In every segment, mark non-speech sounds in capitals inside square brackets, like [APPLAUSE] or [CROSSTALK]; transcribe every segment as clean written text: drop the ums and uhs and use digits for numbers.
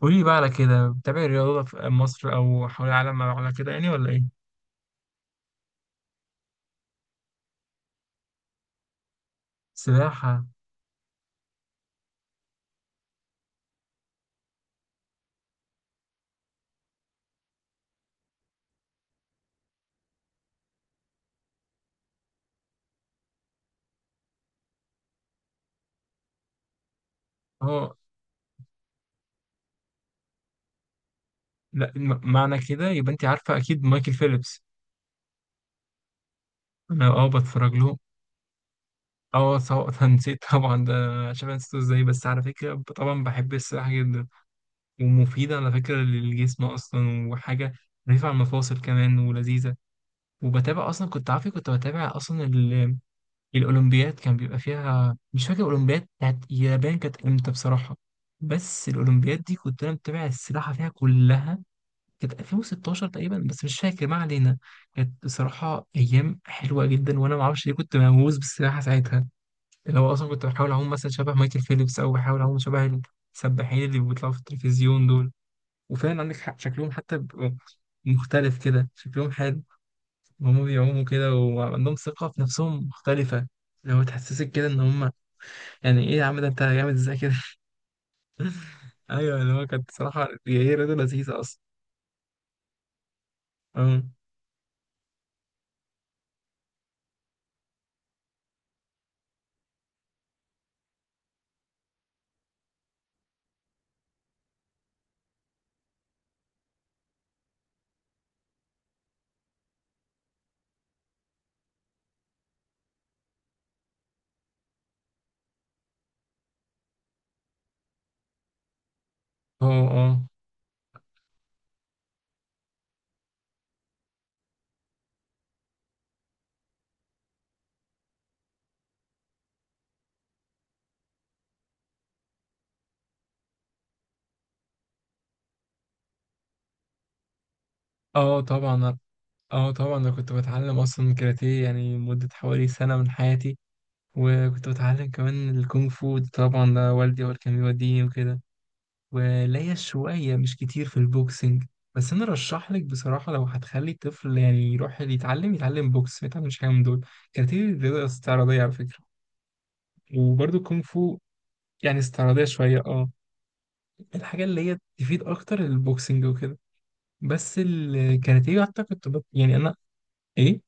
قولي بقى على كده، بتابعي الرياضة في مصر أو حول العالم على كده يعني ولا إيه؟ سباحة. أه، لا، معنى كده يبقى أنت عارفة أكيد مايكل فيليبس. أنا أه بتفرج له. أه، سواء [LAUGHS] نسيت طبعا ده. عشان أنا نسيته إزاي؟ بس على فكرة، طبعا بحب السباحة جدا، ومفيدة على فكرة للجسم أصلا، وحاجة رفيعة على المفاصل كمان ولذيذة. وبتابع أصلا، كنت عارفة كنت بتابع أصلا الأولمبياد، كان بيبقى فيها، مش فاكر الأولمبياد بتاعت اليابان كانت إمتى بصراحة، بس الأولمبياد دي كنت أنا متابع السباحة فيها كلها. كانت 2016 تقريبا، بس مش فاكر، ما علينا. كانت بصراحة أيام حلوة جدا، وأنا معرفش ليه كنت مهووس بالسباحة ساعتها. اللي هو أصلا كنت بحاول أعوم مثلا شبه مايكل فيليبس، أو بحاول أعوم شبه السباحين اللي بيطلعوا في التلفزيون دول. وفعلا عندك حق، شكلهم حتى بيبقوا مختلف كده، شكلهم حلو وهم بيعوموا كده، وعندهم ثقة في نفسهم مختلفة. لو تحسسك كده ان هم، يعني ايه يا عم، ده انت جامد ازاي كده! [LAUGHS] ايوه، اللي هو كانت صراحه هي رياضه لذيذه اصلا. اه اه. اه، اه طبعا. اه طبعا، انا كنت بتعلم اصلا كاراتيه يعني مده حوالي سنه من حياتي، وكنت بتعلم كمان الكونغ فو طبعا، ده والدي هو اللي كان بيوديني وكده. وليا شويه مش كتير في البوكسنج. بس انا رشح لك بصراحه، لو هتخلي الطفل يعني يروح يتعلم بوكس، ما يتعلمش حاجه من دول. كاراتيه رياضه استعراضيه على فكره، وبرضه كونغ فو، يعني استعراضية شوية، اه. الحاجة اللي هي تفيد أكتر البوكسنج وكده. بس الكاراتيه أعتقد يعني أنا. إيه؟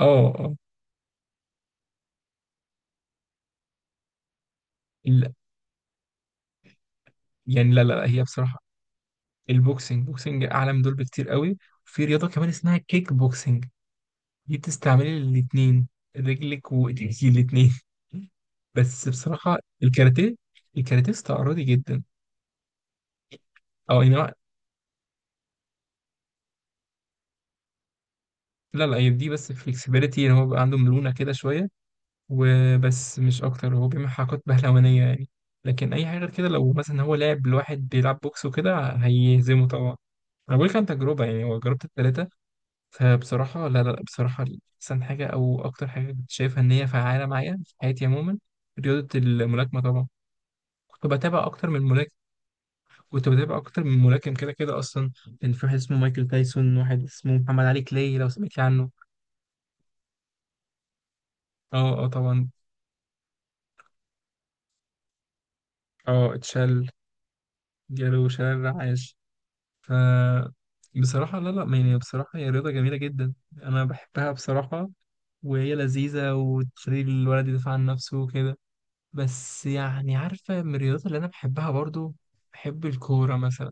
آه آه. لا يعني، لا لا لا، هي بصراحة البوكسنج، بوكسنج أعلى من دول بكتير قوي. وفي رياضة كمان اسمها كيك بوكسنج، دي بتستعملي الاتنين، رجلك وإيديكي الاتنين. [LAUGHS] بس بصراحة الكاراتيه، الكاراتيه استعراضي جدا. أو يعني لا لا، لا هي دي بس فليكسبيليتي، إن هو بيبقى عنده مرونة كده شوية، وبس مش اكتر، هو بيعمل حركات بهلوانيه يعني. لكن اي حاجه غير كده، لو مثلا هو لعب لواحد بيلعب بوكس وكده هيهزمه طبعا. انا بقول لك عن تجربه يعني، هو جربت الثلاثه. فبصراحه، لا لا لا، بصراحه احسن حاجه او اكتر حاجه كنت شايفها ان هي فعاله معايا في حياتي عموما رياضه الملاكمه طبعا. كنت بتابع اكتر من ملاكم، كنت بتابع اكتر من ملاكم كده كده اصلا. كان في واحد اسمه مايكل تايسون، واحد اسمه محمد علي كلاي، لو سمعت عنه. اه، اه طبعا. اه اتشال، جاله شلل رعاش. ف بصراحة، لا لا يعني، بصراحة هي رياضة جميلة جدا، أنا بحبها بصراحة. وهي لذيذة، وتخلي الولد يدافع عن نفسه وكده. بس يعني عارفة، من الرياضات اللي أنا بحبها برضو، بحب الكورة مثلا،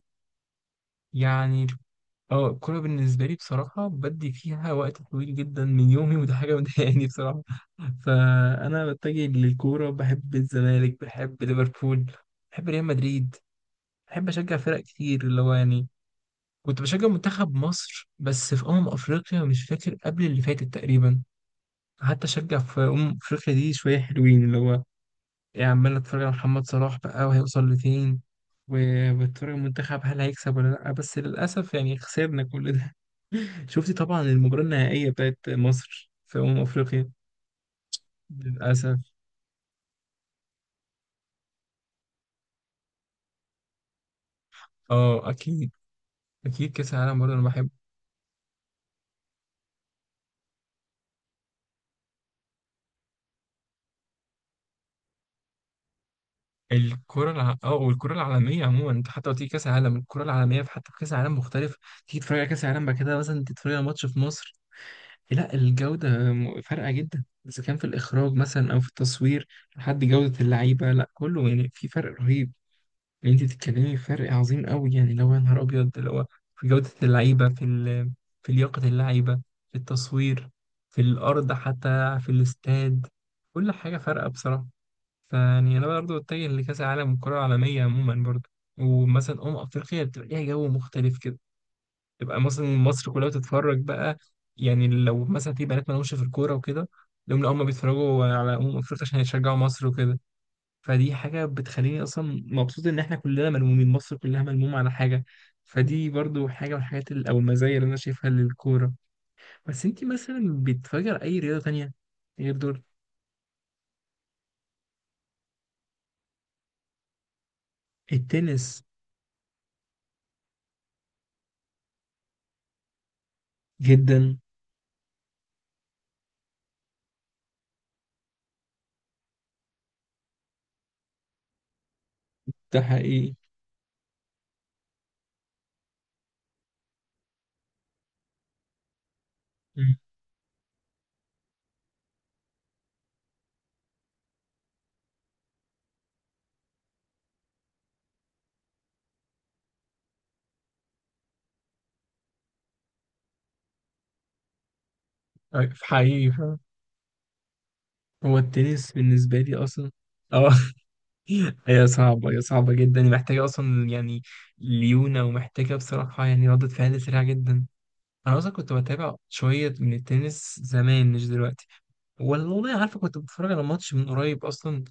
يعني. اه، الكورة بالنسبة لي بصراحة بدي فيها وقت طويل جدا من يومي، وده حاجة مضايقاني بصراحة. فأنا بتجه للكورة، بحب الزمالك، بحب ليفربول، بحب ريال مدريد، بحب أشجع فرق كتير اللي هو يعني. كنت بشجع منتخب مصر بس في أمم أفريقيا، مش فاكر، قبل اللي فاتت تقريبا. حتى أشجع في أمم أفريقيا دي، شوية حلوين اللي هو، إيه، عمال أتفرج على محمد صلاح بقى وهيوصل لفين، وبتفرج على المنتخب هل هيكسب ولا لأ. بس للأسف يعني خسرنا كل ده. [LAUGHS] شفتي طبعا المباراة النهائية بتاعت مصر في أمم أفريقيا. للأسف. أه أكيد، أكيد كأس العالم برضه أنا بحبه. الكرة اه، والكرة العالمية عموما، انت حتى لو تيجي كأس العالم، الكرة العالمية في، حتى في كأس العالم مختلف. تيجي تتفرج على كأس العالم، بعد كده مثلا تتفرج على ماتش في مصر، لا الجودة فارقة جدا، إذا كان في الإخراج مثلا أو في التصوير لحد جودة اللعيبة، لا كله، يعني في فرق رهيب. اللي انت بتتكلمي في فرق عظيم قوي، يعني اللي هو يا نهار أبيض، اللي هو في جودة اللعيبة، في لياقة اللعيبة، في التصوير، في الأرض، حتى في الاستاد، كل حاجة فارقة بصراحة. فيعني انا برضه اتجه لكاس العالم والكره العالميه عموما برضه. ومثلا افريقيا بتبقى ليها جو مختلف كده، تبقى مثلا مصر كلها بتتفرج بقى. يعني لو مثلا في بنات مالهمش في الكوره وكده، لهم، لا هم بيتفرجوا على افريقيا عشان يشجعوا مصر وكده. فدي حاجه بتخليني اصلا مبسوط، ان احنا كلنا ملمومين، مصر كلها ملمومه على حاجه. فدي برضه حاجه من الحاجات او المزايا اللي انا شايفها للكوره. بس انت مثلا بتفجر اي رياضه تانية غير دول؟ التنس. جدا. ده حقيقي. في حقيقي فعلا. هو التنس بالنسبة لي أصلا، اه [LAUGHS] هي صعبة، هي صعبة جدا، محتاجة أصلا يعني ليونة، ومحتاجة بصراحة يعني ردة فعل سريعة جدا. أنا أصلا كنت بتابع شوية من التنس زمان، مش دلوقتي. والله عارفة، كنت بتفرج على ماتش من قريب أصلا،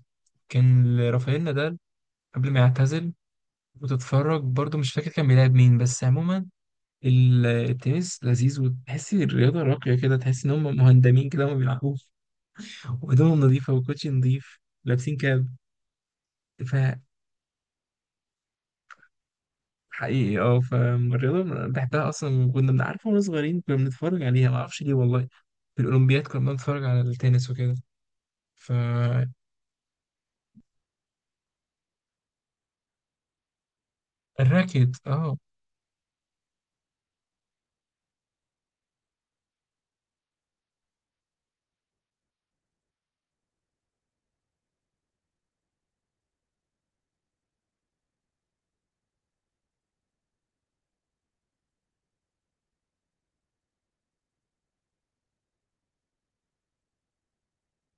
كان لرافائيل نادال قبل ما يعتزل. وتتفرج برضو، مش فاكر كان بيلعب مين، بس عموما التنس لذيذ، وتحسي الرياضة راقية كده، تحسي إن هم مهندمين كده، وما بيلعبوش، وهدومهم نظيفة، وكوتشي نظيف، لابسين كاب. ف حقيقي اه، فالرياضة بحبها أصلا، كنا بنعرف واحنا صغيرين، كنا بنتفرج عليها معرفش ليه والله. في الأولمبياد كنا بنتفرج على التنس وكده. فالراكت. اه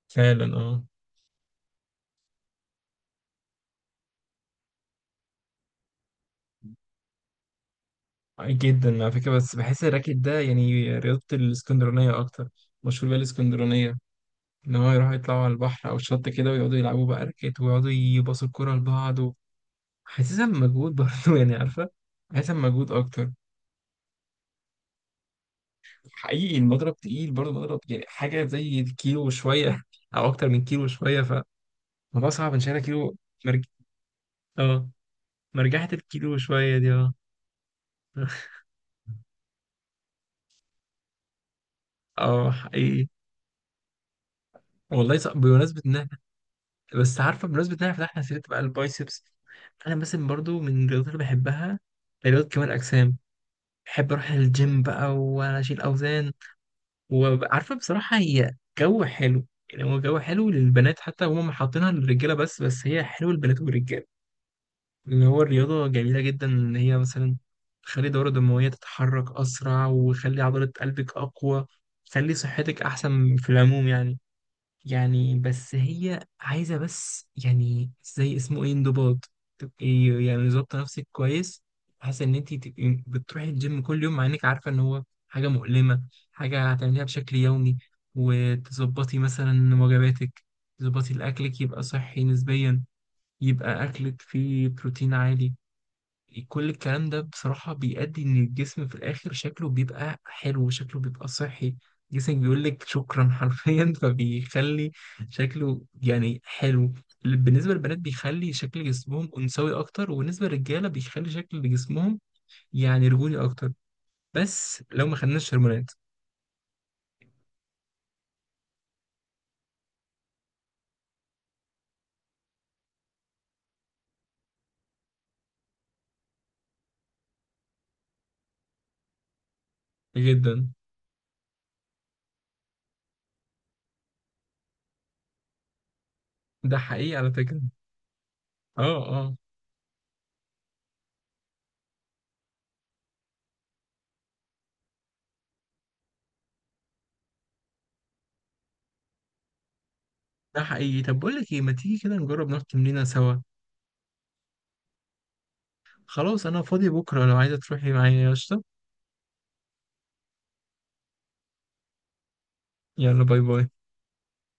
فعلا. اه جدا على فكرة، بس بحس الراكت ده يعني رياضة الاسكندرانية أكتر، مشهور بيها الاسكندرانية. إن هو يروحوا يطلعوا على البحر أو الشط كده، ويقعدوا يلعبوا بقى راكت، ويقعدوا يباصوا الكرة لبعض، حاسسها بمجهود برضه، [LAUGHS] يعني عارفة، حاسسها بمجهود أكتر. حقيقي المضرب تقيل برضه، مضرب يعني حاجة زي الكيلو وشوية، [LAUGHS] أو أكتر من كيلو وشوية. فالموضوع صعب، إن شايلة كيلو. مرج... آه، مرجحة الكيلو وشوية دي، آه. [LAUGHS] آه حقيقي. والله صعب بمناسبة إن إحنا، بس عارفة بمناسبة إن إحنا فتحنا سيرة بقى البايسبس، أنا مثلا برضه من الرياضات اللي بحبها رياضة كمال الأجسام. بحب أروح الجيم بقى وأشيل أوزان. وعارفة بصراحة هي جو حلو، يعني هو جو حلو للبنات، حتى هم حاطينها للرجالة بس، بس هي حلوة للبنات والرجالة. ان هو الرياضه جميله جدا، ان هي مثلا تخلي الدوره الدمويه تتحرك اسرع، وتخلي عضله قلبك اقوى، تخلي صحتك احسن في العموم يعني. يعني بس هي عايزه بس يعني زي اسمه ايه، انضباط. تبقي يعني ظابطه نفسك كويس، حاسه ان انت تبقي بتروحي الجيم كل يوم، مع انك عارفه ان هو حاجه مؤلمه، حاجه هتعمليها بشكل يومي. وتظبطي مثلا وجباتك، تظبطي الاكلك يبقى صحي نسبيا، يبقى اكلك فيه بروتين عالي. كل الكلام ده بصراحة بيؤدي إن الجسم في الآخر شكله بيبقى حلو، شكله بيبقى صحي. جسمك بيقول لك شكرا حرفيا. [LAUGHS] فبيخلي شكله يعني حلو. بالنسبة للبنات بيخلي شكل جسمهم أنثوي أكتر، وبالنسبة للرجالة بيخلي شكل جسمهم يعني رجولي أكتر، بس لو ما خدناش هرمونات. جدا. ده حقيقي على فكرة. اه اه. ده حقيقي، طب بقول لك ايه، ما تيجي كده نجرب نروح تمرينة سوا؟ خلاص أنا فاضي بكرة، لو عايزة تروحي معايا يا قشطة. يلا، باي باي.